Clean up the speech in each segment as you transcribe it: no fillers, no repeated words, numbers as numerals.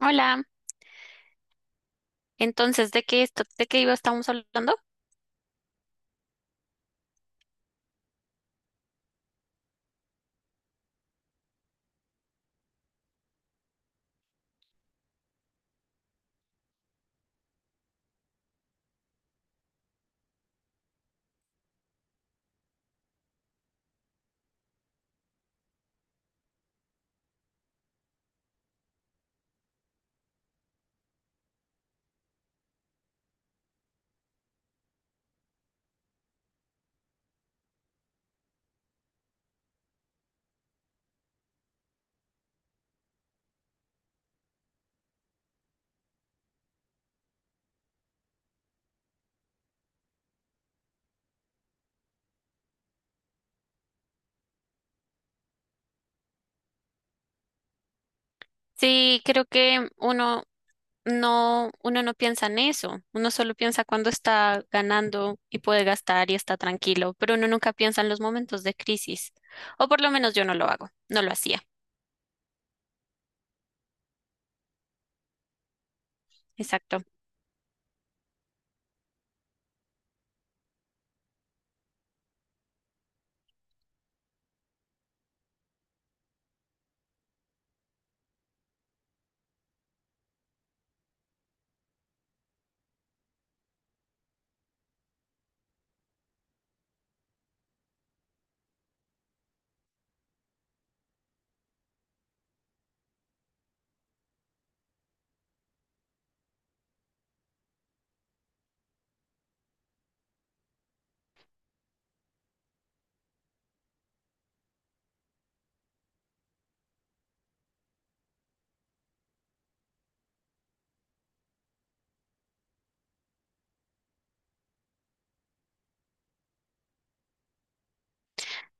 Hola. Entonces, ¿de qué esto, de qué iba estamos hablando? Sí, creo que uno no piensa en eso, uno solo piensa cuando está ganando y puede gastar y está tranquilo, pero uno nunca piensa en los momentos de crisis, o por lo menos yo no lo hago, no lo hacía. Exacto.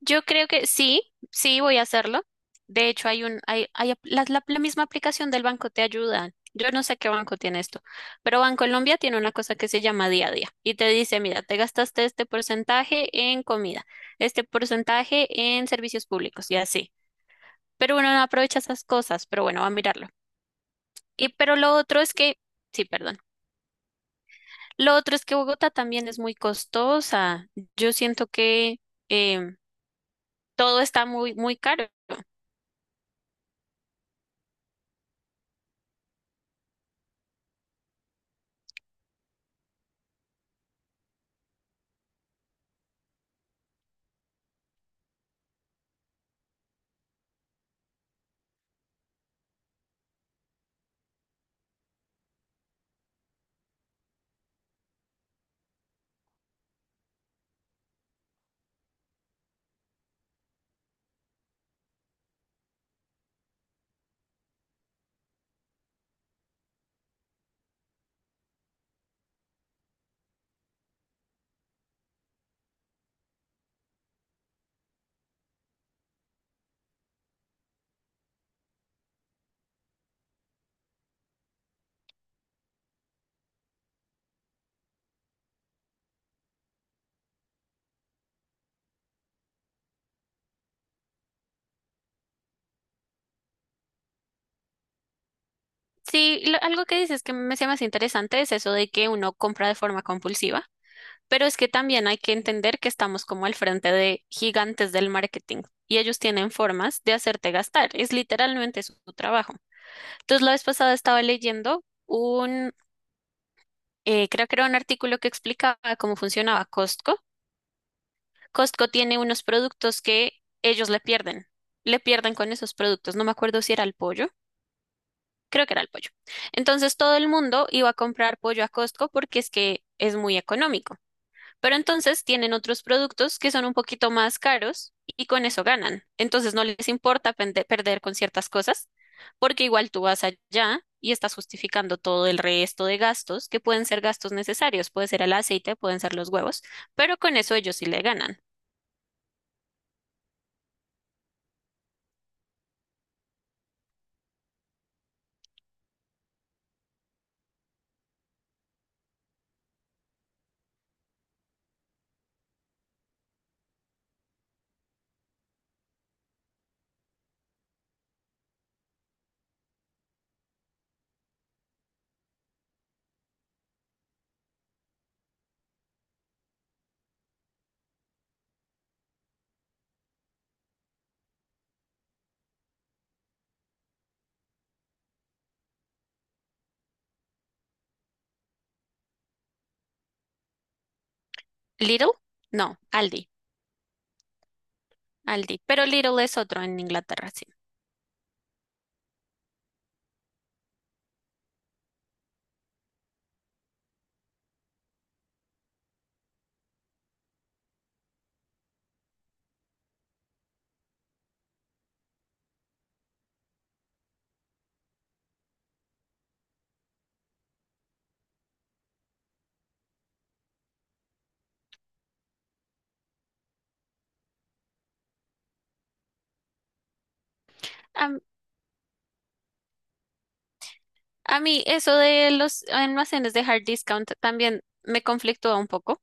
Yo creo que sí, sí voy a hacerlo. De hecho, hay un, hay ap- la- la misma aplicación del banco te ayuda. Yo no sé qué banco tiene esto, pero Bancolombia tiene una cosa que se llama día a día y te dice, mira, te gastaste este porcentaje en comida, este porcentaje en servicios públicos y así. Pero uno no aprovecha esas cosas, pero bueno, va a mirarlo. Y pero lo otro es que, sí, perdón. Lo otro es que Bogotá también es muy costosa. Yo siento que em, todo está muy, muy caro. Sí, y algo que dices que me se me hace interesante es eso de que uno compra de forma compulsiva, pero es que también hay que entender que estamos como al frente de gigantes del marketing y ellos tienen formas de hacerte gastar, es literalmente su trabajo. Entonces, la vez pasada estaba leyendo creo que era un artículo que explicaba cómo funcionaba Costco. Costco tiene unos productos que ellos le pierden con esos productos. No me acuerdo si era el pollo, creo que era el pollo. Entonces todo el mundo iba a comprar pollo a Costco porque es que es muy económico. Pero entonces tienen otros productos que son un poquito más caros y con eso ganan. Entonces no les importa perder con ciertas cosas porque igual tú vas allá y estás justificando todo el resto de gastos que pueden ser gastos necesarios. Puede ser el aceite, pueden ser los huevos, pero con eso ellos sí le ganan. Lidl, no, Aldi, Aldi. Pero Lidl es otro en Inglaterra, sí. A mí eso de los almacenes de hard discount también me conflictúa un poco,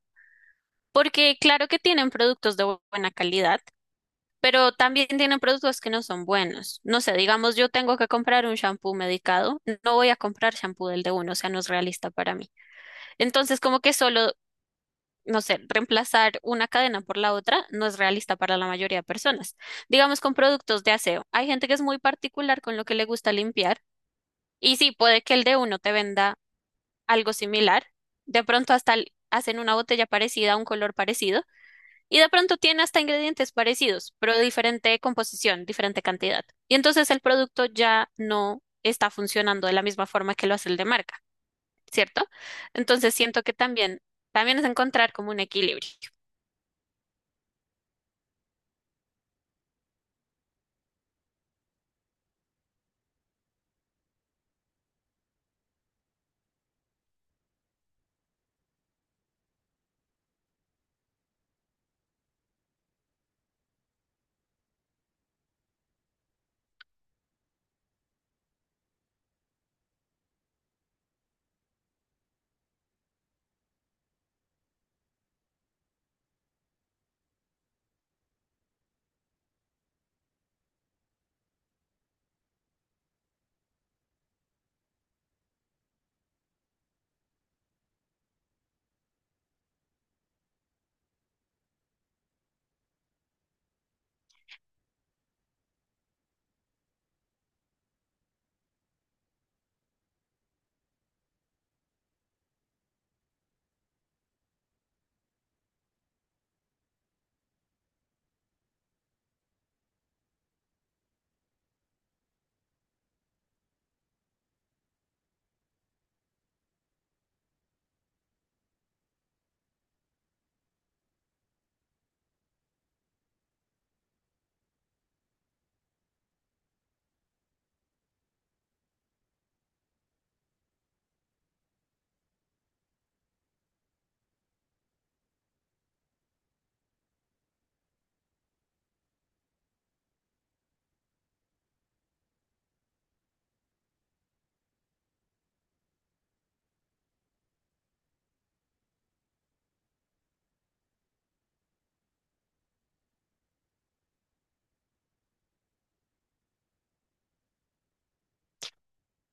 porque claro que tienen productos de buena calidad, pero también tienen productos que no son buenos. No sé, digamos, yo tengo que comprar un shampoo medicado, no voy a comprar shampoo del de uno, o sea, no es realista para mí. Entonces, como que solo, no sé, reemplazar una cadena por la otra no es realista para la mayoría de personas. Digamos, con productos de aseo, hay gente que es muy particular con lo que le gusta limpiar. Y sí, puede que el de uno te venda algo similar. De pronto hasta hacen una botella parecida, un color parecido, y de pronto tiene hasta ingredientes parecidos, pero diferente composición, diferente cantidad. Y entonces el producto ya no está funcionando de la misma forma que lo hace el de marca, ¿cierto? Entonces siento que también es encontrar como un equilibrio.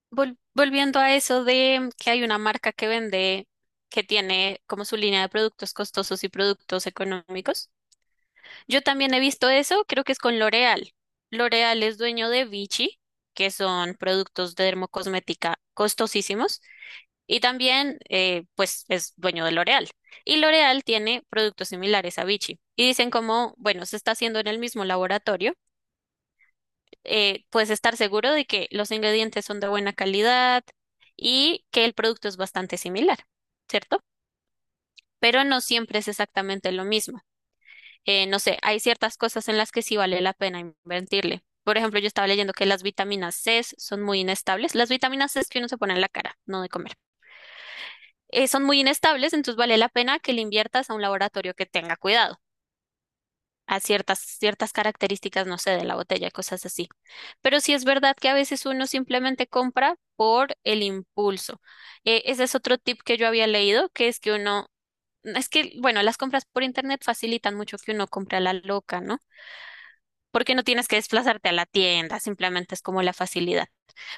Volviendo a eso de que hay una marca que vende, que tiene como su línea de productos costosos y productos económicos. Yo también he visto eso, creo que es con L'Oréal. L'Oréal es dueño de Vichy, que son productos de dermocosmética costosísimos, y también pues es dueño de L'Oréal. Y L'Oréal tiene productos similares a Vichy. Y dicen como, bueno, se está haciendo en el mismo laboratorio, puedes estar seguro de que los ingredientes son de buena calidad y que el producto es bastante similar, ¿cierto? Pero no siempre es exactamente lo mismo. No sé, hay ciertas cosas en las que sí vale la pena invertirle. Por ejemplo, yo estaba leyendo que las vitaminas C son muy inestables. Las vitaminas C que uno se pone en la cara, no de comer. Son muy inestables, entonces vale la pena que le inviertas a un laboratorio que tenga cuidado, a ciertas características, no sé, de la botella, cosas así. Pero sí es verdad que a veces uno simplemente compra por el impulso. Ese es otro tip que yo había leído, que es que uno. Es que, bueno, las compras por internet facilitan mucho que uno compre a la loca, ¿no? Porque no tienes que desplazarte a la tienda, simplemente es como la facilidad.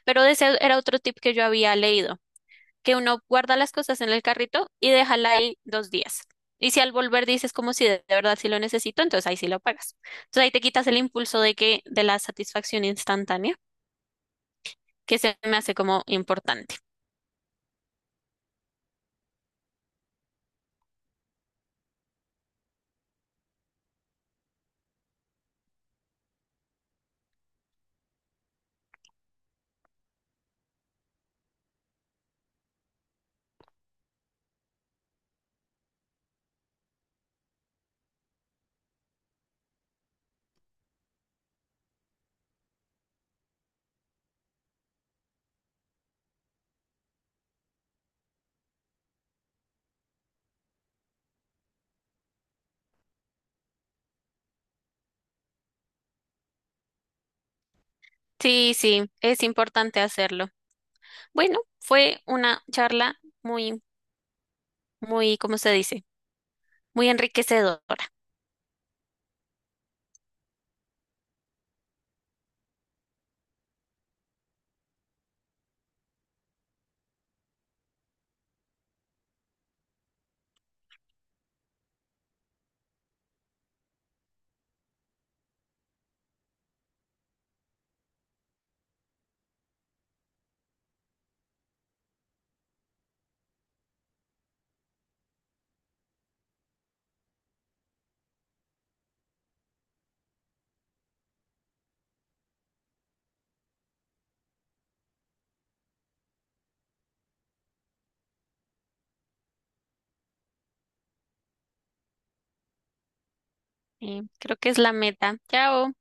Pero ese era otro tip que yo había leído, que uno guarda las cosas en el carrito y déjala ahí 2 días. Y si al volver dices como si de verdad sí lo necesito, entonces ahí sí lo pagas. Entonces ahí te quitas el impulso de la satisfacción instantánea, que se me hace como importante. Sí, sí, es importante hacerlo. Bueno, fue una charla muy, muy, ¿cómo se dice? Muy enriquecedora. Creo que es la meta. Chao.